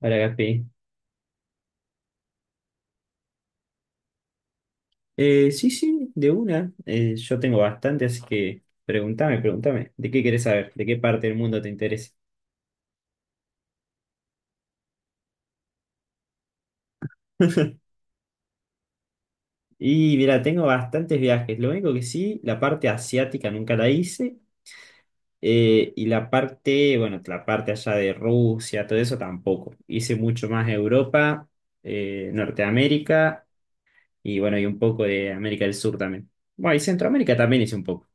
Hola, Gaspi. Sí, sí, de una. Yo tengo bastante, así que pregúntame. ¿De qué querés saber? ¿De qué parte del mundo te interesa? Y mira, tengo bastantes viajes. Lo único que sí, la parte asiática nunca la hice. Y la parte, bueno, la parte allá de Rusia, todo eso tampoco. Hice mucho más Europa, Norteamérica y bueno, y un poco de América del Sur también. Bueno, y Centroamérica también hice un poco.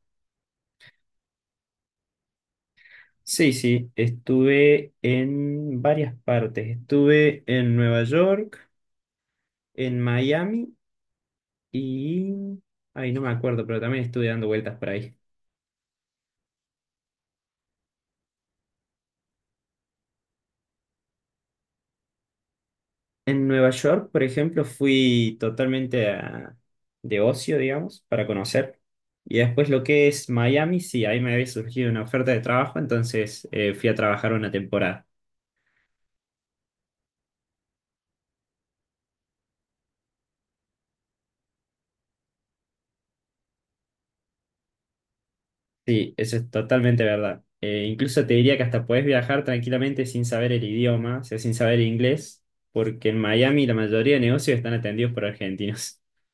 Sí, sí, estuve en varias partes. Estuve en Nueva York, en Miami y... Ay, no me acuerdo, pero también estuve dando vueltas por ahí. En Nueva York, por ejemplo, de ocio, digamos, para conocer. Y después lo que es Miami, sí, ahí me había surgido una oferta de trabajo, entonces fui a trabajar una temporada. Sí, eso es totalmente verdad. Incluso te diría que hasta podés viajar tranquilamente sin saber el idioma, o sea, sin saber inglés, porque en Miami la mayoría de negocios están atendidos por argentinos.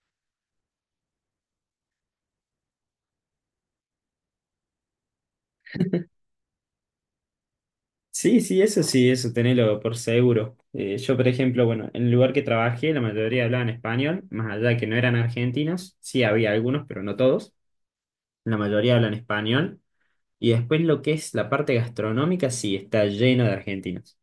Sí, sí, eso tenelo por seguro. Yo, por ejemplo, bueno, en el lugar que trabajé, la mayoría hablaban español, más allá de que no eran argentinos, sí había algunos, pero no todos. La mayoría hablan español. Y después lo que es la parte gastronómica, sí, está lleno de argentinos.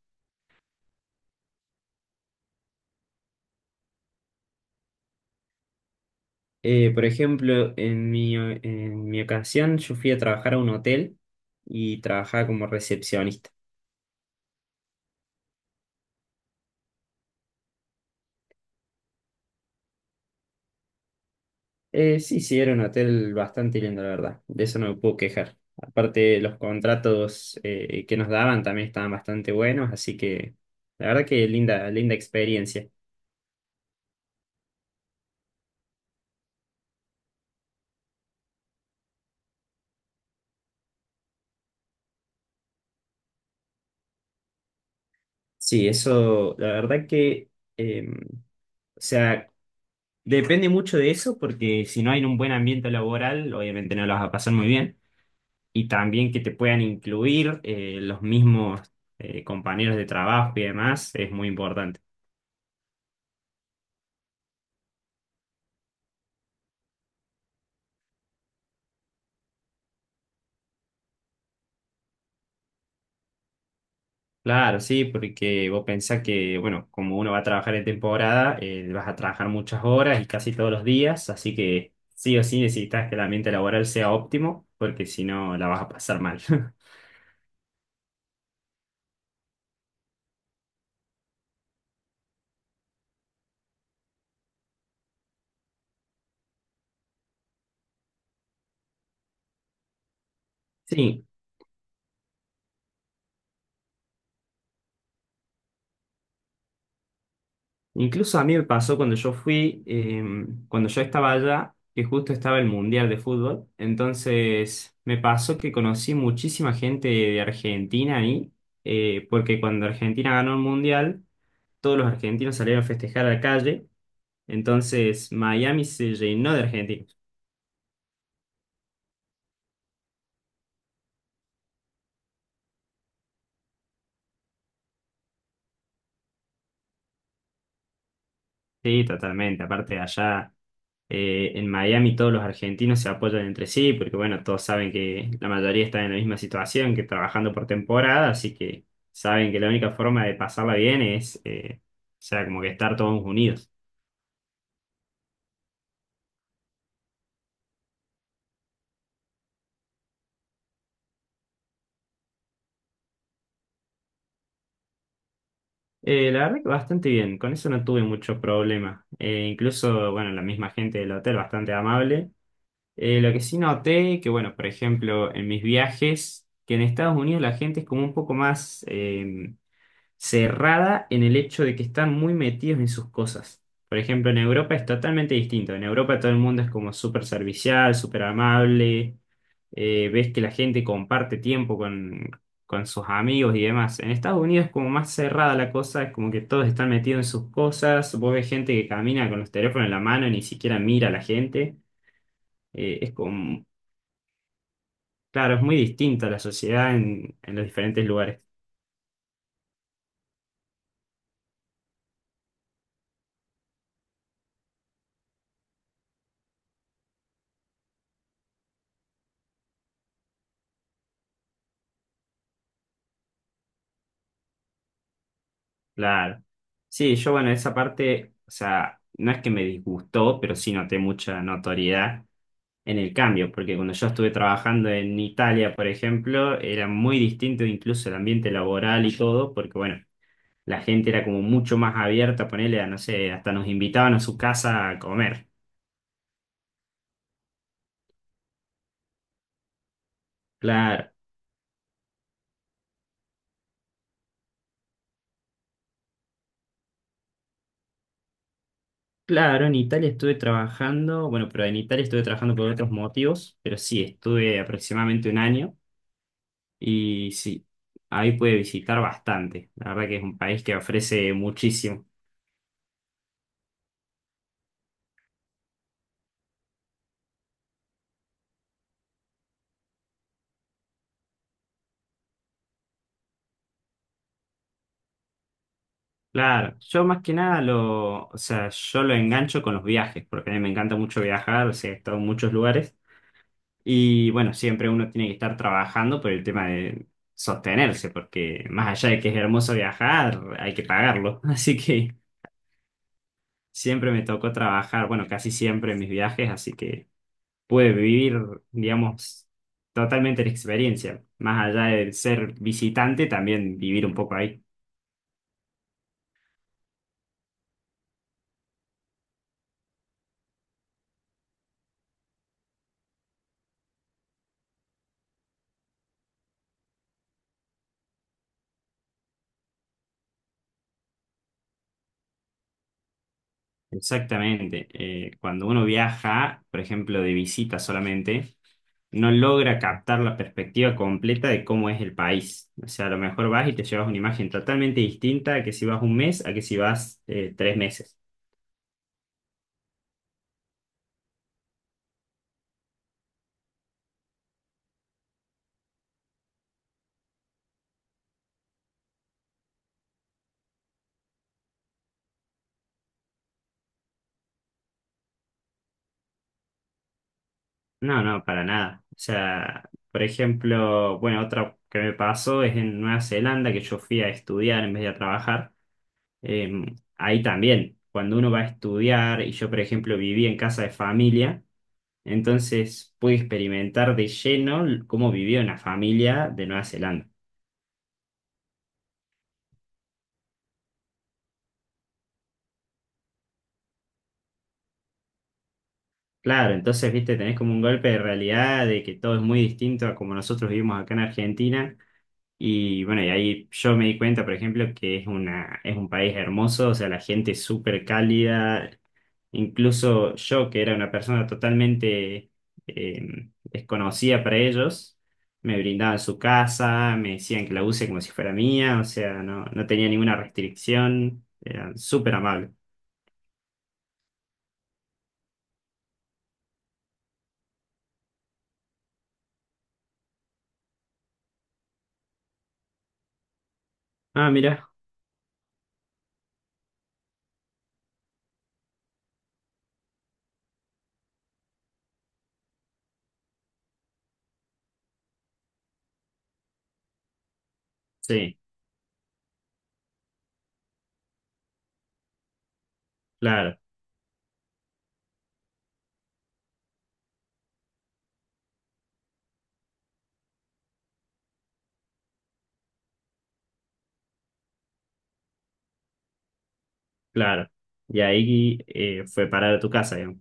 Por ejemplo, en mi ocasión yo fui a trabajar a un hotel y trabajaba como recepcionista. Sí, sí, era un hotel bastante lindo, la verdad. De eso no me puedo quejar. Aparte, los contratos que nos daban también estaban bastante buenos, así que la verdad que linda, linda experiencia. Sí, eso, la verdad que, eh, o sea, depende mucho de eso porque si no hay un buen ambiente laboral, obviamente no lo vas a pasar muy bien. Y también que te puedan incluir, los mismos compañeros de trabajo y demás es muy importante. Claro, sí, porque vos pensás que, bueno, como uno va a trabajar en temporada, vas a trabajar muchas horas y casi todos los días, así que sí o sí necesitas que el ambiente laboral sea óptimo, porque si no la vas a pasar mal. Sí, incluso a mí me pasó cuando yo fui, cuando yo estaba allá, que justo estaba el Mundial de Fútbol. Entonces me pasó que conocí muchísima gente de Argentina ahí, porque cuando Argentina ganó el Mundial, todos los argentinos salieron a festejar a la calle. Entonces Miami se llenó de argentinos. Sí, totalmente. Aparte de allá. En Miami todos los argentinos se apoyan entre sí, porque bueno, todos saben que la mayoría está en la misma situación, que trabajando por temporada, así que saben que la única forma de pasarla bien es, como que estar todos unidos. La verdad que bastante bien, con eso no tuve mucho problema. Incluso, bueno, la misma gente del hotel, bastante amable. Lo que sí noté, que bueno, por ejemplo, en mis viajes, que en Estados Unidos la gente es como un poco más... cerrada en el hecho de que están muy metidos en sus cosas. Por ejemplo, en Europa es totalmente distinto. En Europa todo el mundo es como súper servicial, súper amable. Ves que la gente comparte tiempo con sus amigos y demás. En Estados Unidos es como más cerrada la cosa, es como que todos están metidos en sus cosas. Vos ves gente que camina con los teléfonos en la mano y ni siquiera mira a la gente. Eh, es como, claro, es muy distinta la sociedad en los diferentes lugares. Claro. Sí, yo bueno, esa parte, o sea, no es que me disgustó, pero sí noté mucha notoriedad en el cambio, porque cuando yo estuve trabajando en Italia, por ejemplo, era muy distinto incluso el ambiente laboral y todo, porque bueno, la gente era como mucho más abierta, ponerle a, no sé, hasta nos invitaban a su casa a comer. Claro, claro, en Italia estuve trabajando, bueno, pero en Italia estuve trabajando por otros motivos, pero sí, estuve aproximadamente un año. Y sí, ahí puede visitar bastante. La verdad que es un país que ofrece muchísimo. Claro, yo más que nada lo, o sea, yo lo engancho con los viajes, porque a mí me encanta mucho viajar, o sea, he estado en muchos lugares. Y bueno, siempre uno tiene que estar trabajando por el tema de sostenerse, porque más allá de que es hermoso viajar, hay que pagarlo. Así que siempre me tocó trabajar, bueno, casi siempre en mis viajes, así que pude vivir, digamos, totalmente la experiencia. Más allá de ser visitante, también vivir un poco ahí. Exactamente. Cuando uno viaja, por ejemplo, de visita solamente, no logra captar la perspectiva completa de cómo es el país. O sea, a lo mejor vas y te llevas una imagen totalmente distinta a que si vas un mes, a que si vas, tres meses. No, no, para nada. O sea, por ejemplo, bueno, otra que me pasó es en Nueva Zelanda, que yo fui a estudiar en vez de a trabajar. Ahí también, cuando uno va a estudiar, y yo, por ejemplo, viví en casa de familia, entonces pude experimentar de lleno l- cómo vivía una familia de Nueva Zelanda. Claro, entonces, viste, tenés como un golpe de realidad de que todo es muy distinto a como nosotros vivimos acá en Argentina. Y bueno, y ahí yo me di cuenta, por ejemplo, que es una, es un país hermoso, o sea, la gente es súper cálida. Incluso yo, que era una persona totalmente desconocida para ellos, me brindaban su casa, me decían que la use como si fuera mía, o sea, no, no tenía ninguna restricción, eran súper amables. Ah, mira, sí, claro, claro. Y ahí, fue parar a tu casa, digamos.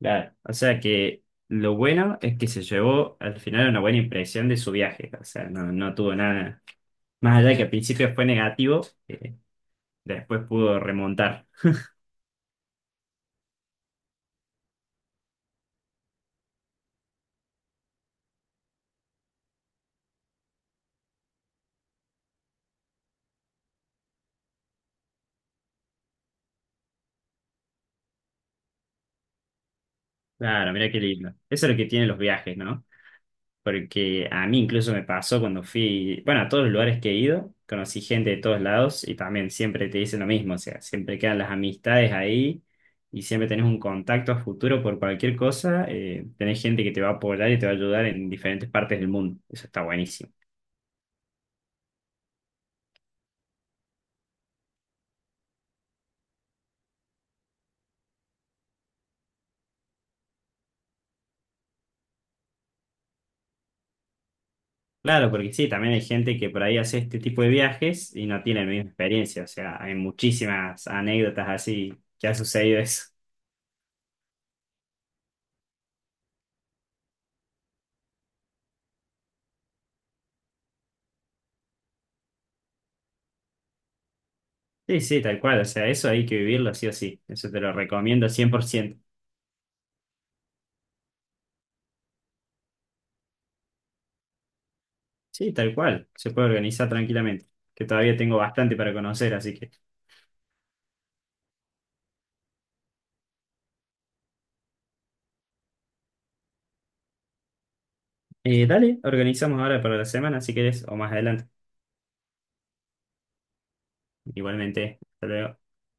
Claro, o sea que lo bueno es que se llevó al final una buena impresión de su viaje, o sea, no, no tuvo nada. Más allá de que al principio fue negativo, eh, después pudo remontar. Claro, mira qué lindo. Eso es lo que tienen los viajes, ¿no? Porque a mí incluso me pasó cuando fui, bueno, a todos los lugares que he ido, conocí gente de todos lados y también siempre te dicen lo mismo, o sea, siempre quedan las amistades ahí y siempre tenés un contacto a futuro por cualquier cosa. Tenés gente que te va a apoyar y te va a ayudar en diferentes partes del mundo. Eso está buenísimo. Claro, porque sí, también hay gente que por ahí hace este tipo de viajes y no tiene la misma experiencia, o sea, hay muchísimas anécdotas así que ha sucedido eso. Sí, sí, tal cual. O sea, eso hay que vivirlo sí o sí. Eso te lo recomiendo 100%. Sí, tal cual. Se puede organizar tranquilamente. Que todavía tengo bastante para conocer, así que. Dale, organizamos ahora para la semana si querés o más adelante. Igualmente. Hasta luego.